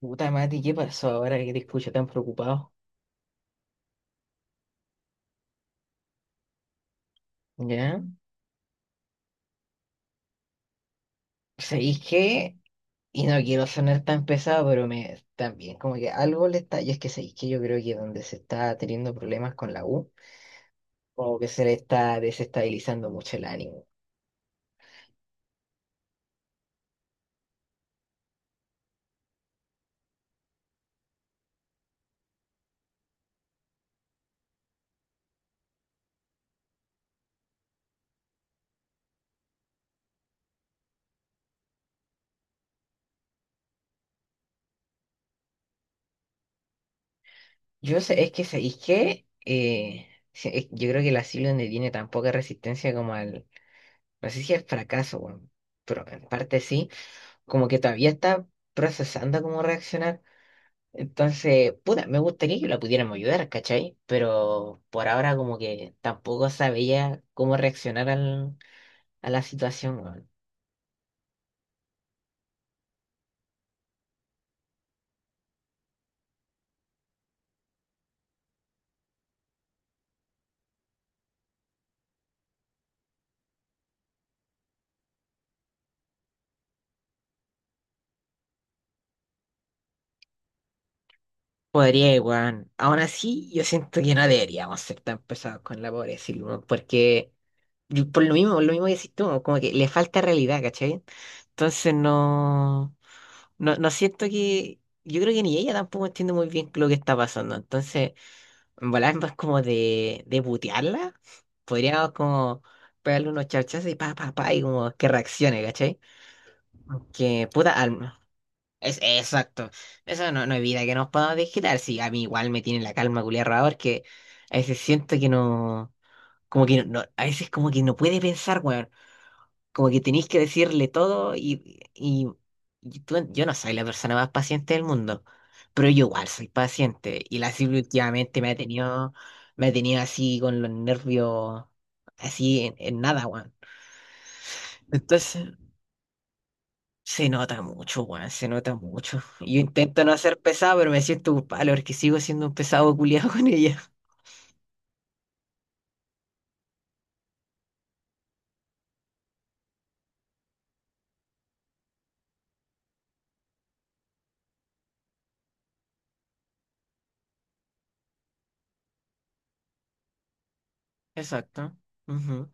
Puta Mati, ¿qué pasó ahora que te escucho tan preocupado? ¿Ya? ¿Sabéis qué? Y no quiero sonar tan pesado, pero me también, como que algo le está. Y es que sabéis que yo creo que donde se está teniendo problemas con la U, como que se le está desestabilizando mucho el ánimo. Yo sé, es que ¿sabéis qué? Sí, yo creo que la Silvia no tiene tan poca resistencia como al. No sé si al fracaso, bueno, pero en parte sí. Como que todavía está procesando cómo reaccionar. Entonces, puta, me gustaría que la pudiéramos ayudar, ¿cachai? Pero por ahora como que tampoco sabía cómo reaccionar a la situación, weón. Podría, weón. Aún así, yo siento que no deberíamos ser tan pesados con la pobre Silvia, weón, porque por lo mismo que decís tú, weón, como que le falta realidad, ¿cachai? Entonces no, no siento que, yo creo que ni ella tampoco entiende muy bien lo que está pasando. Entonces... En volar es más como de butearla. Podríamos como pegarle unos charchazos y pa, pa, pa, y como que reaccione, ¿cachai? Que puta alma. Es, exacto. Eso no, no evita que nos podamos digitar. Sí, a mí igual me tiene la calma culiar rara porque a veces siento que no. Como que no, a veces como que no puede pensar, weón, como que tenéis que decirle todo y, yo no soy la persona más paciente del mundo, pero yo igual soy paciente y la Silvia últimamente me ha tenido así con los nervios, así en nada, weón. Entonces se nota mucho, weón, se nota mucho. Yo intento no ser pesado, pero me siento culpable porque sigo siendo un pesado culiado con ella. Exacto. Ujú.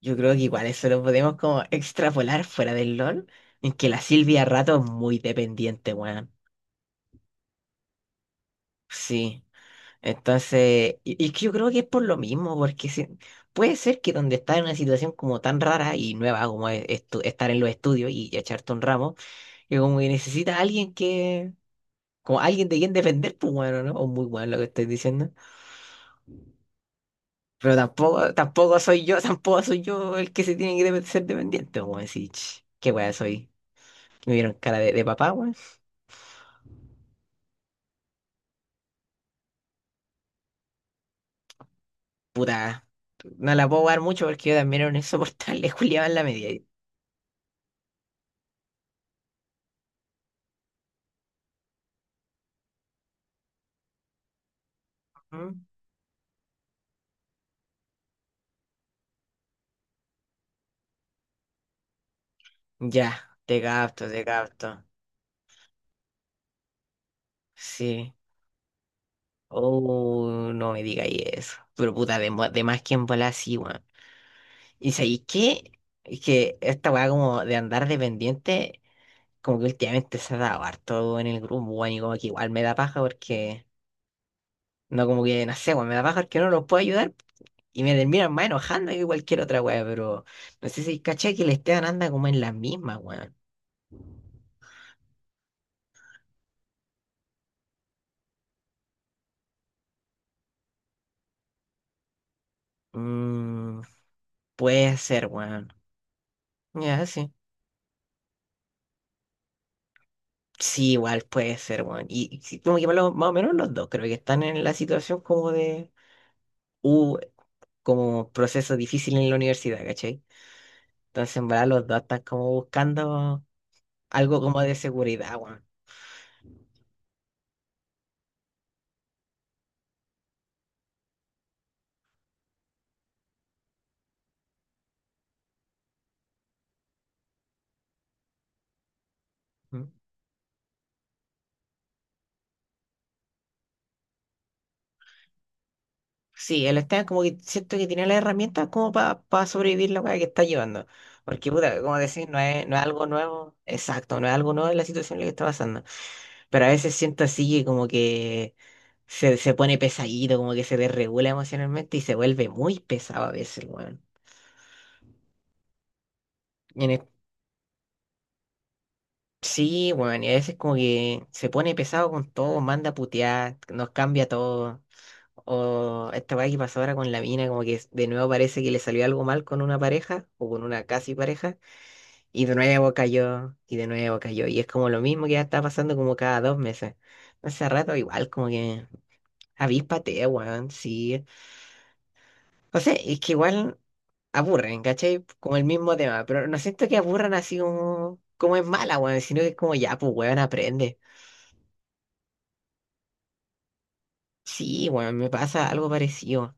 Yo creo que igual eso lo podemos como extrapolar fuera del LOL, en que la Silvia a rato es muy dependiente, weón. Sí, entonces, y es que yo creo que es por lo mismo, porque puede ser que donde estás en una situación como tan rara y nueva como es estar en los estudios y echarte un ramo, que como que necesitas a alguien que, como alguien de quien depender, pues bueno, ¿no? O muy bueno lo que estoy diciendo. Pero tampoco, tampoco soy yo, tampoco soy yo el que se tiene que ser dependiente, como decir, "Ch, qué weá soy. Me vieron cara de papá, weón". Puta, no la puedo dar mucho porque yo también era un insoportable, Julián en la media. Ya, te capto, te capto. Sí. Oh, no me digáis eso. Pero puta, de, de más que en bola sí, weón. ¿Y sabéis qué? Es que esta weá como de andar dependiente, como que últimamente se ha dado harto en el grupo, weón, y como que igual me da paja porque, no como que, no sé, weón, me da paja porque no los puedo ayudar y me terminan más enojando que cualquier otra weá, pero no sé si caché que el Esteban anda como en las mismas, weón. Mm, puede ser, weón. Ya, sí. Sí, igual puede ser, weón. Y sí, como que más o menos los dos, creo que están en la situación como de, uh, como proceso difícil en la universidad, ¿cachai? Entonces, en verdad, los dos están como buscando algo como de seguridad, weón. ¿Mm? Sí, él está como que siento que tiene las herramientas como para sobrevivir la weá que está llevando. Porque, puta, como decís, no es, no es algo nuevo, exacto, no es algo nuevo en la situación en la que está pasando. Pero a veces siento así que como que se pone pesadito, como que se desregula emocionalmente y se vuelve muy pesado a veces, weón. Y en sí, weón, y a veces como que se pone pesado con todo, manda a putear, nos cambia todo. O esta weá que pasó ahora con la mina, como que de nuevo parece que le salió algo mal con una pareja o con una casi pareja, y de nuevo cayó, y de nuevo cayó. Y es como lo mismo que ya está pasando como cada dos meses. Hace rato igual, como que avíspate, weón, sí. No sé, es que igual aburren, ¿cachai? Como el mismo tema, pero no siento que aburran así como, como es mala, weón, sino que es como ya, pues, weón, aprende. Sí, weón, me pasa algo parecido.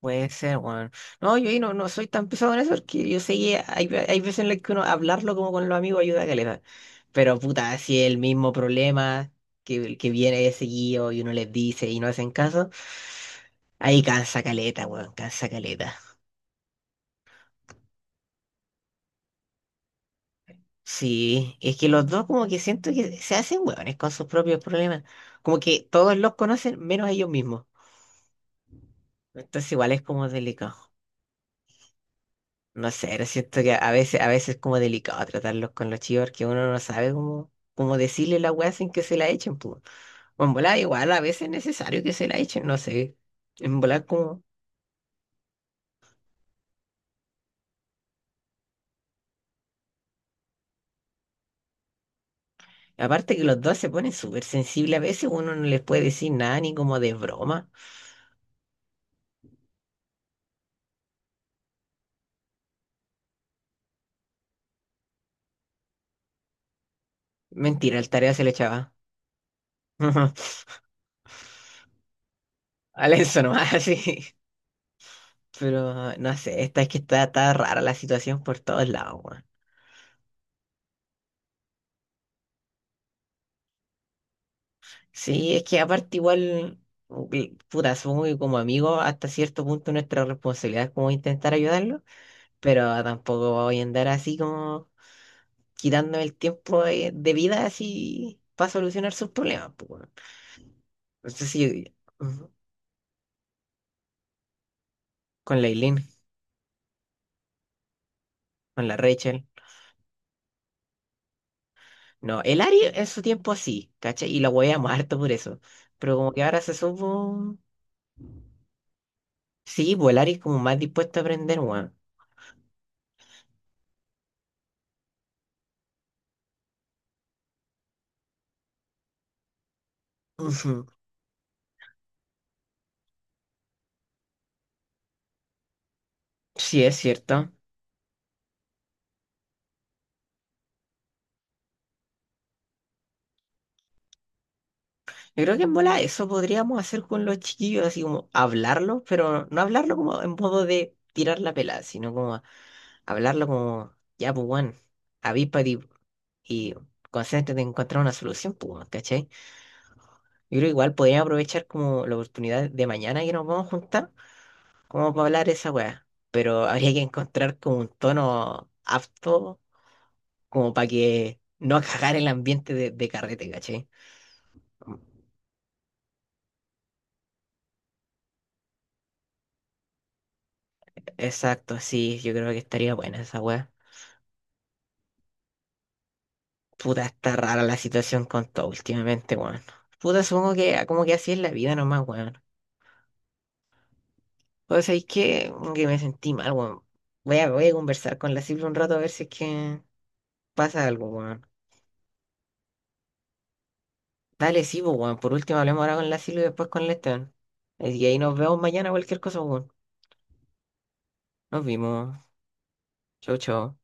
Puede ser, weón. No, yo ahí no, no soy tan pesado en eso, porque yo sé que hay, hay veces en las que uno hablarlo como con los amigos ayuda a caleta. Pero puta, si es el mismo problema que viene de seguido y uno les dice y no hacen caso, ahí cansa caleta, weón, cansa caleta. Sí, es que los dos como que siento que se hacen hueones con sus propios problemas. Como que todos los conocen menos ellos mismos. Entonces igual es como delicado. No sé, pero siento que a veces es como delicado tratarlos con los chivos porque uno no sabe cómo, cómo decirle la weá sin que se la echen, pues. O en volar igual a veces es necesario que se la echen, no sé. En volar como... Aparte que los dos se ponen súper sensibles, a veces uno no les puede decir nada ni como de broma. Mentira, el tarea se le echaba. Al eso nomás, así. Pero ah, no sé, esta es que está, está rara la situación por todos lados, weón. Sí, es que aparte igual, uy, puta, supongo que como amigos hasta cierto punto nuestra responsabilidad es como intentar ayudarlo, pero tampoco voy a andar así como quitándome el tiempo de vida así para solucionar sus problemas, pues, weón. No sé si ujú, con la Eileen, con la Rachel. No, el Ari en su tiempo sí, ¿cachai? Y la hueveamos harto por eso. Pero como que ahora se supo... Sí, pues el Ari es como más dispuesto a aprender, weón. Ujú, sí, es cierto. Yo creo que en bola eso podríamos hacer con los chiquillos, así como hablarlo, pero no hablarlo como en modo de tirar la pelada, sino como hablarlo como, ya, pues, weón, avíspate y concéntrate en encontrar una solución, pues, weón, ¿cachai? Yo creo igual podríamos aprovechar como la oportunidad de mañana que nos vamos a juntar, como para hablar esa weá, pero habría que encontrar como un tono apto, como para que no cagar el ambiente de carrete, ¿cachai? Exacto, sí, yo creo que estaría buena esa weá. Puta, está rara la situación con todo últimamente, weón. Puta, supongo que como que así es la vida nomás, weón. O sea, es que me sentí mal, weón. Voy a, voy a conversar con la Silvia un rato a ver si es que pasa algo, weón. Dale, sí, pues, weón. Por último, hablemos ahora con la Silvia y después con el Esteban. Y ahí nos vemos mañana, cualquier cosa, weón. Nos vimos. Chau, chau.